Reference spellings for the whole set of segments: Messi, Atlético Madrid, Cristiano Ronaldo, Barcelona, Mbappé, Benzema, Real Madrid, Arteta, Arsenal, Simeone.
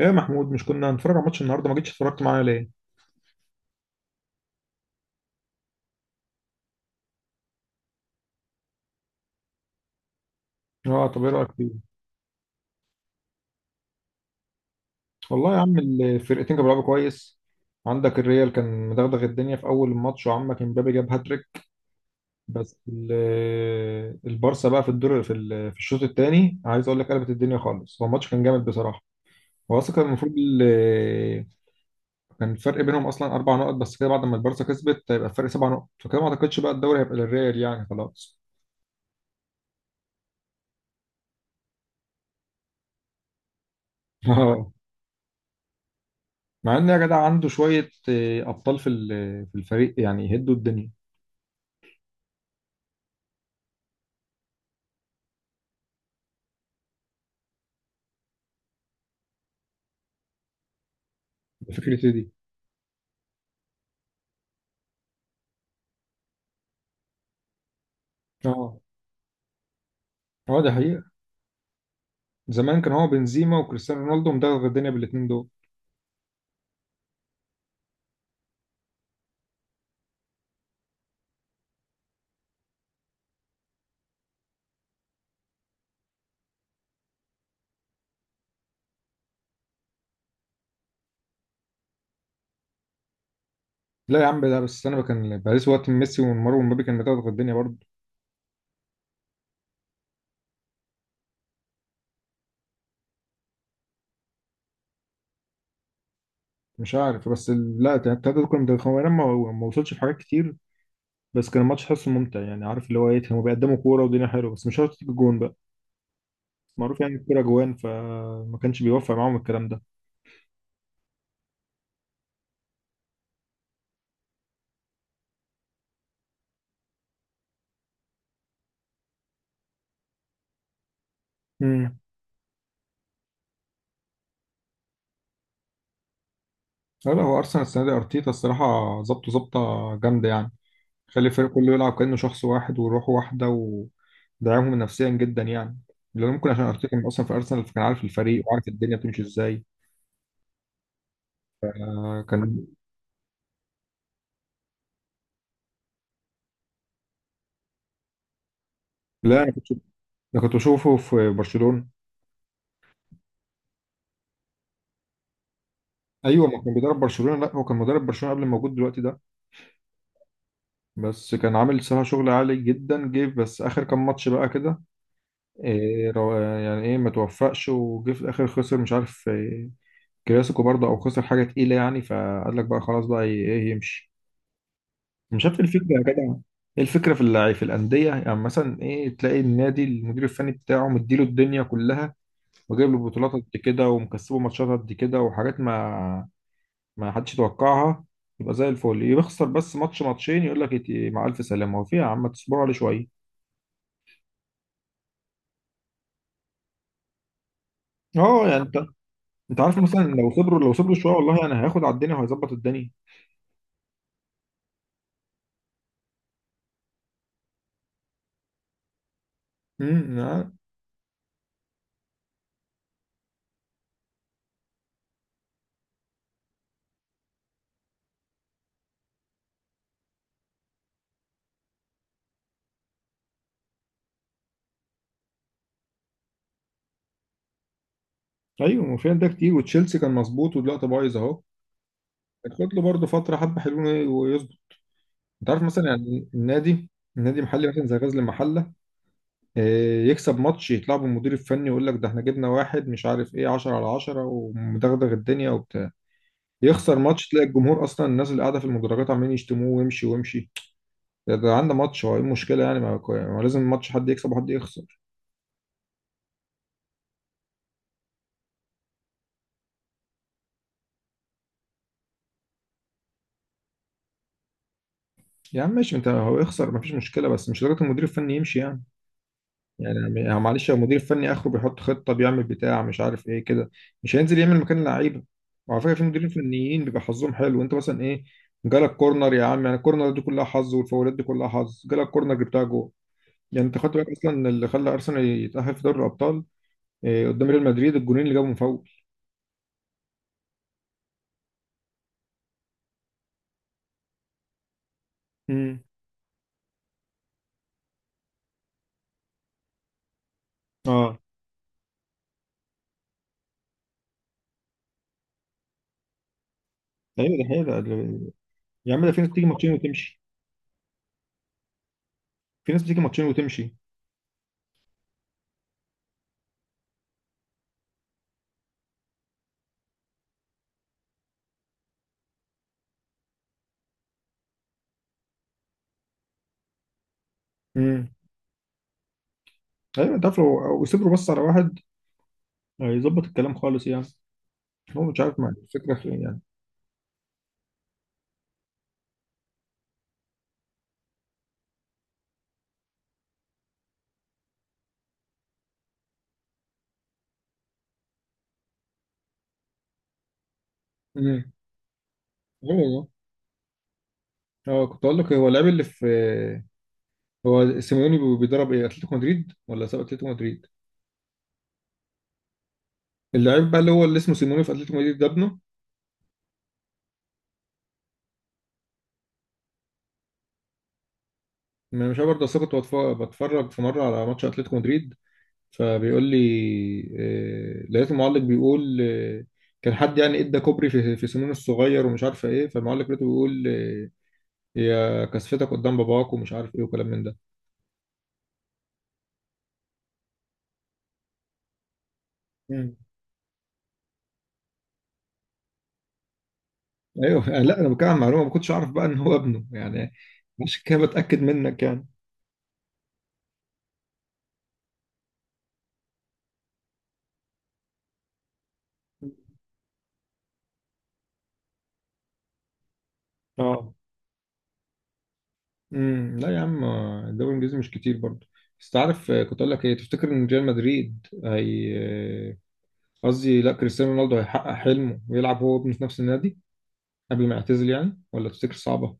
ايه يا محمود، مش كنا هنتفرج على ماتش النهارده؟ ما جيتش اتفرجت معايا ليه؟ اه، طب ايه رايك فيه؟ والله يا عم، الفرقتين كانوا بيلعبوا كويس. عندك الريال كان مدغدغ الدنيا في اول الماتش، وعمك امبابي جاب هاتريك. بس البارسا بقى في الدور في في الشوط الثاني، عايز اقول لك قلبت الدنيا خالص. هو الماتش كان جامد بصراحه. هو اصلا كان المفروض كان الفرق بينهم اصلا اربع نقط بس كده، بعد ما البارسا كسبت هيبقى الفرق سبع نقط، فكده ما اعتقدش بقى الدوري هيبقى للريال يعني خلاص. مع ان يا جدع عنده شويه ابطال في في الفريق يعني يهدوا الدنيا. فكرة إيه دي؟ اه. اه دي حقيقه. زمان كان هو بنزيما وكريستيانو رونالدو مدغدغ الدنيا بالاثنين دول. لا يا عم، ده بس انا كان باريس وقت من ميسي ونيمار ومبابي كان مدغدغ الدنيا برضه. مش عارف، بس لا التلاته دول كانوا مدغدغين. هو أنا ما وصلش في حاجات كتير. بس كان الماتش حاسه ممتع يعني، عارف اللي هو ايه، كانوا بيقدموا كوره والدنيا حلوه بس مش شرط تيجي جون بقى. معروف يعني الكوره جوان، فما كانش بيوفق معاهم الكلام ده. امم. لا لا، هو ارسنال السنه دي ارتيتا الصراحه ظبطه ظبطه، جامده يعني. خلي الفريق كله يلعب كأنه شخص واحد وروح واحدة. ودعمهم نفسيا جدا يعني، لأن ممكن عشان أرتيتا كان أصلا في أرسنال، فكان عارف الفريق وعارف الدنيا بتمشي إزاي. آه، كان لا، أنا كنت بشوفه في برشلونة. أيوه ما كان بيدرب برشلونة، لا هو كان مدرب برشلونة قبل ما موجود دلوقتي ده. بس كان عامل صراحة شغل عالي جدا، جه بس آخر كام ماتش بقى كده إيه يعني إيه، ما توفقش وجه في الآخر خسر مش عارف إيه كلاسيكو برضه أو خسر حاجة تقيلة يعني، فقال لك بقى خلاص بقى إيه، يمشي. مش شفت الفكره يا جدع؟ ايه الفكره في اللعيب في الانديه، يعني مثلا ايه، تلاقي النادي المدير الفني بتاعه مديله الدنيا كلها وجايب له بطولات قد كده ومكسبه ماتشات قد كده وحاجات ما ما حدش يتوقعها، يبقى زي الفل. يخسر بس ماتش ماتشين يقول لك إيه، مع الف سلامه. هو في يا عم تصبروا عليه شويه؟ اه، يعني انت عارف مثلا، لو صبروا شويه والله انا هياخد على الدنيا وهيظبط الدنيا. امم. آه. ايوه، ما في ده كتير، وتشيلسي كان مظبوط ودلوقتي بايظ اهو. هتاخد له برضه فتره حبه حلوين ويظبط. انت عارف مثلا يعني النادي، النادي محلي مثلا زي غزل المحله، يكسب ماتش يطلع بالمدير الفني يقول لك ده احنا جبنا واحد مش عارف ايه 10 على 10 ومدغدغ الدنيا وبتاع، يخسر ماتش تلاقي الجمهور اصلا الناس اللي قاعده في المدرجات عمالين يشتموه ويمشي ويمشي. ده عنده ماتش هو، ايه المشكله يعني؟ ما لازم ماتش حد يكسب وحد يخسر. يا عم ماشي، انت هو يخسر ما فيش مشكله، بس مش لدرجه المدير الفني يمشي يعني. يعني معلش، لو المدير الفني اخره بيحط خطه بيعمل بتاع مش عارف ايه كده، مش هينزل يعمل مكان لعيبه. وعلى فكره في مديرين فنيين بيبقى حظهم حلو، انت مثلا ايه، جالك كورنر يا عم، يعني الكورنر دي كلها حظ والفاولات دي كلها حظ، جالك كورنر جبتها جول. يعني انت خدت بالك اصلا إن اللي خلى ارسنال يتاهل في دوري الابطال إيه؟ قدام ريال مدريد الجونين اللي جابهم فاول. امم. اه. ايوه، ده حقيقة يا عم، ده في ناس بتيجي ماتشين وتمشي، في ناس بتيجي ماتشين وتمشي. امم. ايوه انت عارف، لو يصبروا بس على واحد هيظبط الكلام خالص يعني. هو مش عارف مع الفكرة في إيه يعني. مم. ايوه والله. اه، كنت اقول لك، هو اللاعب اللي في، هو سيميوني بيدرب ايه، اتلتيكو مدريد ولا ساب اتلتيكو مدريد؟ اللاعب بقى اللي هو اللي اسمه سيميوني في اتلتيكو مدريد ده ابنه. ما مش عارف برضه، أصل أنا كنت بتفرج في مره على ماتش اتلتيكو مدريد، فبيقول لي لقيت المعلق بيقول كان حد يعني ادى كوبري في سيميوني الصغير ومش عارفه ايه، فالمعلق لقيته بيقول يا كسفتك قدام باباك، ومش عارف ايه وكلام من ده. مم. ايوه. لا انا بتكلم عن معلومه ما كنتش اعرف بقى ان هو ابنه يعني، مش كده، بتاكد منك يعني. اه. امم. لا يا عم، الدوري الانجليزي مش كتير برضه. بس تعرف كنت اقول لك ايه، تفتكر ان ريال مدريد هي آه، قصدي لا، كريستيانو رونالدو هيحقق حلمه ويلعب هو وابنه في نفس النادي قبل ما يعتزل يعني، ولا تفتكر صعبة؟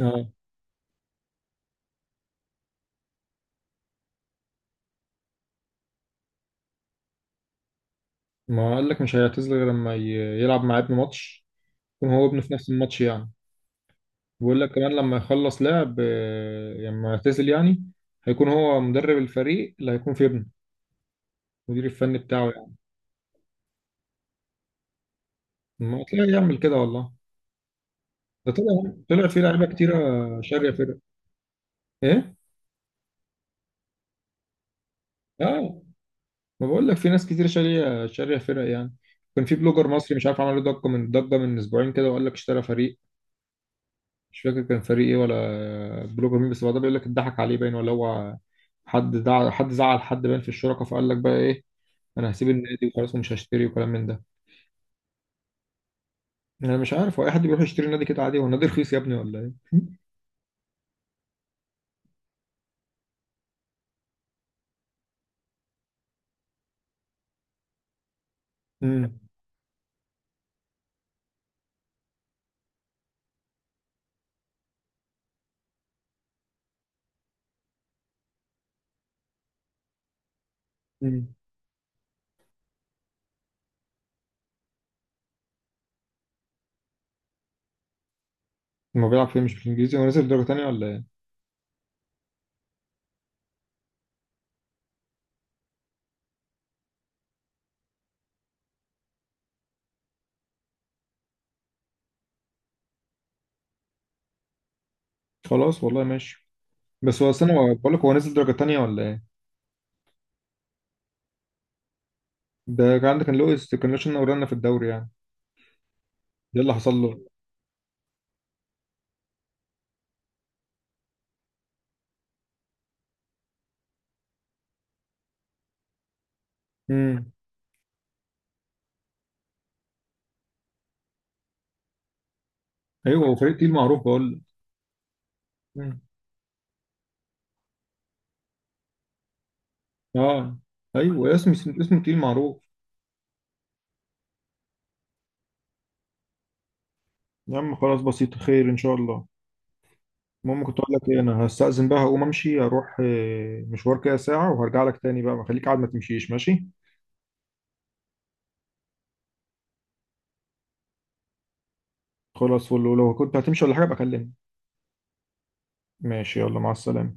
اه. ما قال لك مش هيعتزل غير لما يلعب مع ابنه ماتش، يكون هو وابنه في نفس الماتش يعني. بيقول لك كمان لما يخلص لعب لما يعتزل يعني هيكون هو مدرب الفريق اللي هيكون في ابنه، المدير الفني بتاعه يعني. ما تلاقيه يعمل كده والله. ده طلع في لعيبه كتيره، شاريه فرق. ايه. اه. ما بقول لك في ناس كتير شاريه فرق يعني. كان في بلوجر مصري مش عارف عمل له ضجه من ضجه من اسبوعين كده وقال لك اشترى فريق، مش فاكر كان فريق ايه ولا بلوجر مين، بس بعدها بيقول لك اتضحك عليه باين، ولا هو حد حد زعل حد باين في الشركه، فقال لك بقى ايه، انا هسيب النادي وخلاص ومش هشتري وكلام من ده. انا مش عارف، هو اي حد بيروح يشتري نادي كده عادي؟ هو النادي رخيص يا ابني ولا ايه؟ امم. امم. ما بيلعب فيه مش بالانجليزي، هو نازل درجه تانيه ولا ايه؟ خلاص والله ماشي. بس هو استنى، بقول لك هو نزل درجة تانية ولا ايه؟ ده كان عندك، كان لويس ورانا في الدوري يعني، ده اللي حصل له. امم. ايوه هو فريق تقيل معروف، بقول لك. مم. اه ايوه، اسمه تقيل معروف. يا عم خلاص، بسيط، خير ان شاء الله. المهم، كنت اقول لك ايه، انا هستأذن بقى، هقوم امشي اروح مشوار كده ساعة وهرجع لك تاني بقى، ما خليك قاعد ما تمشيش ماشي. خلاص، ولو لو كنت هتمشي ولا حاجة بكلمني. ماشي، يلا مع السلامة.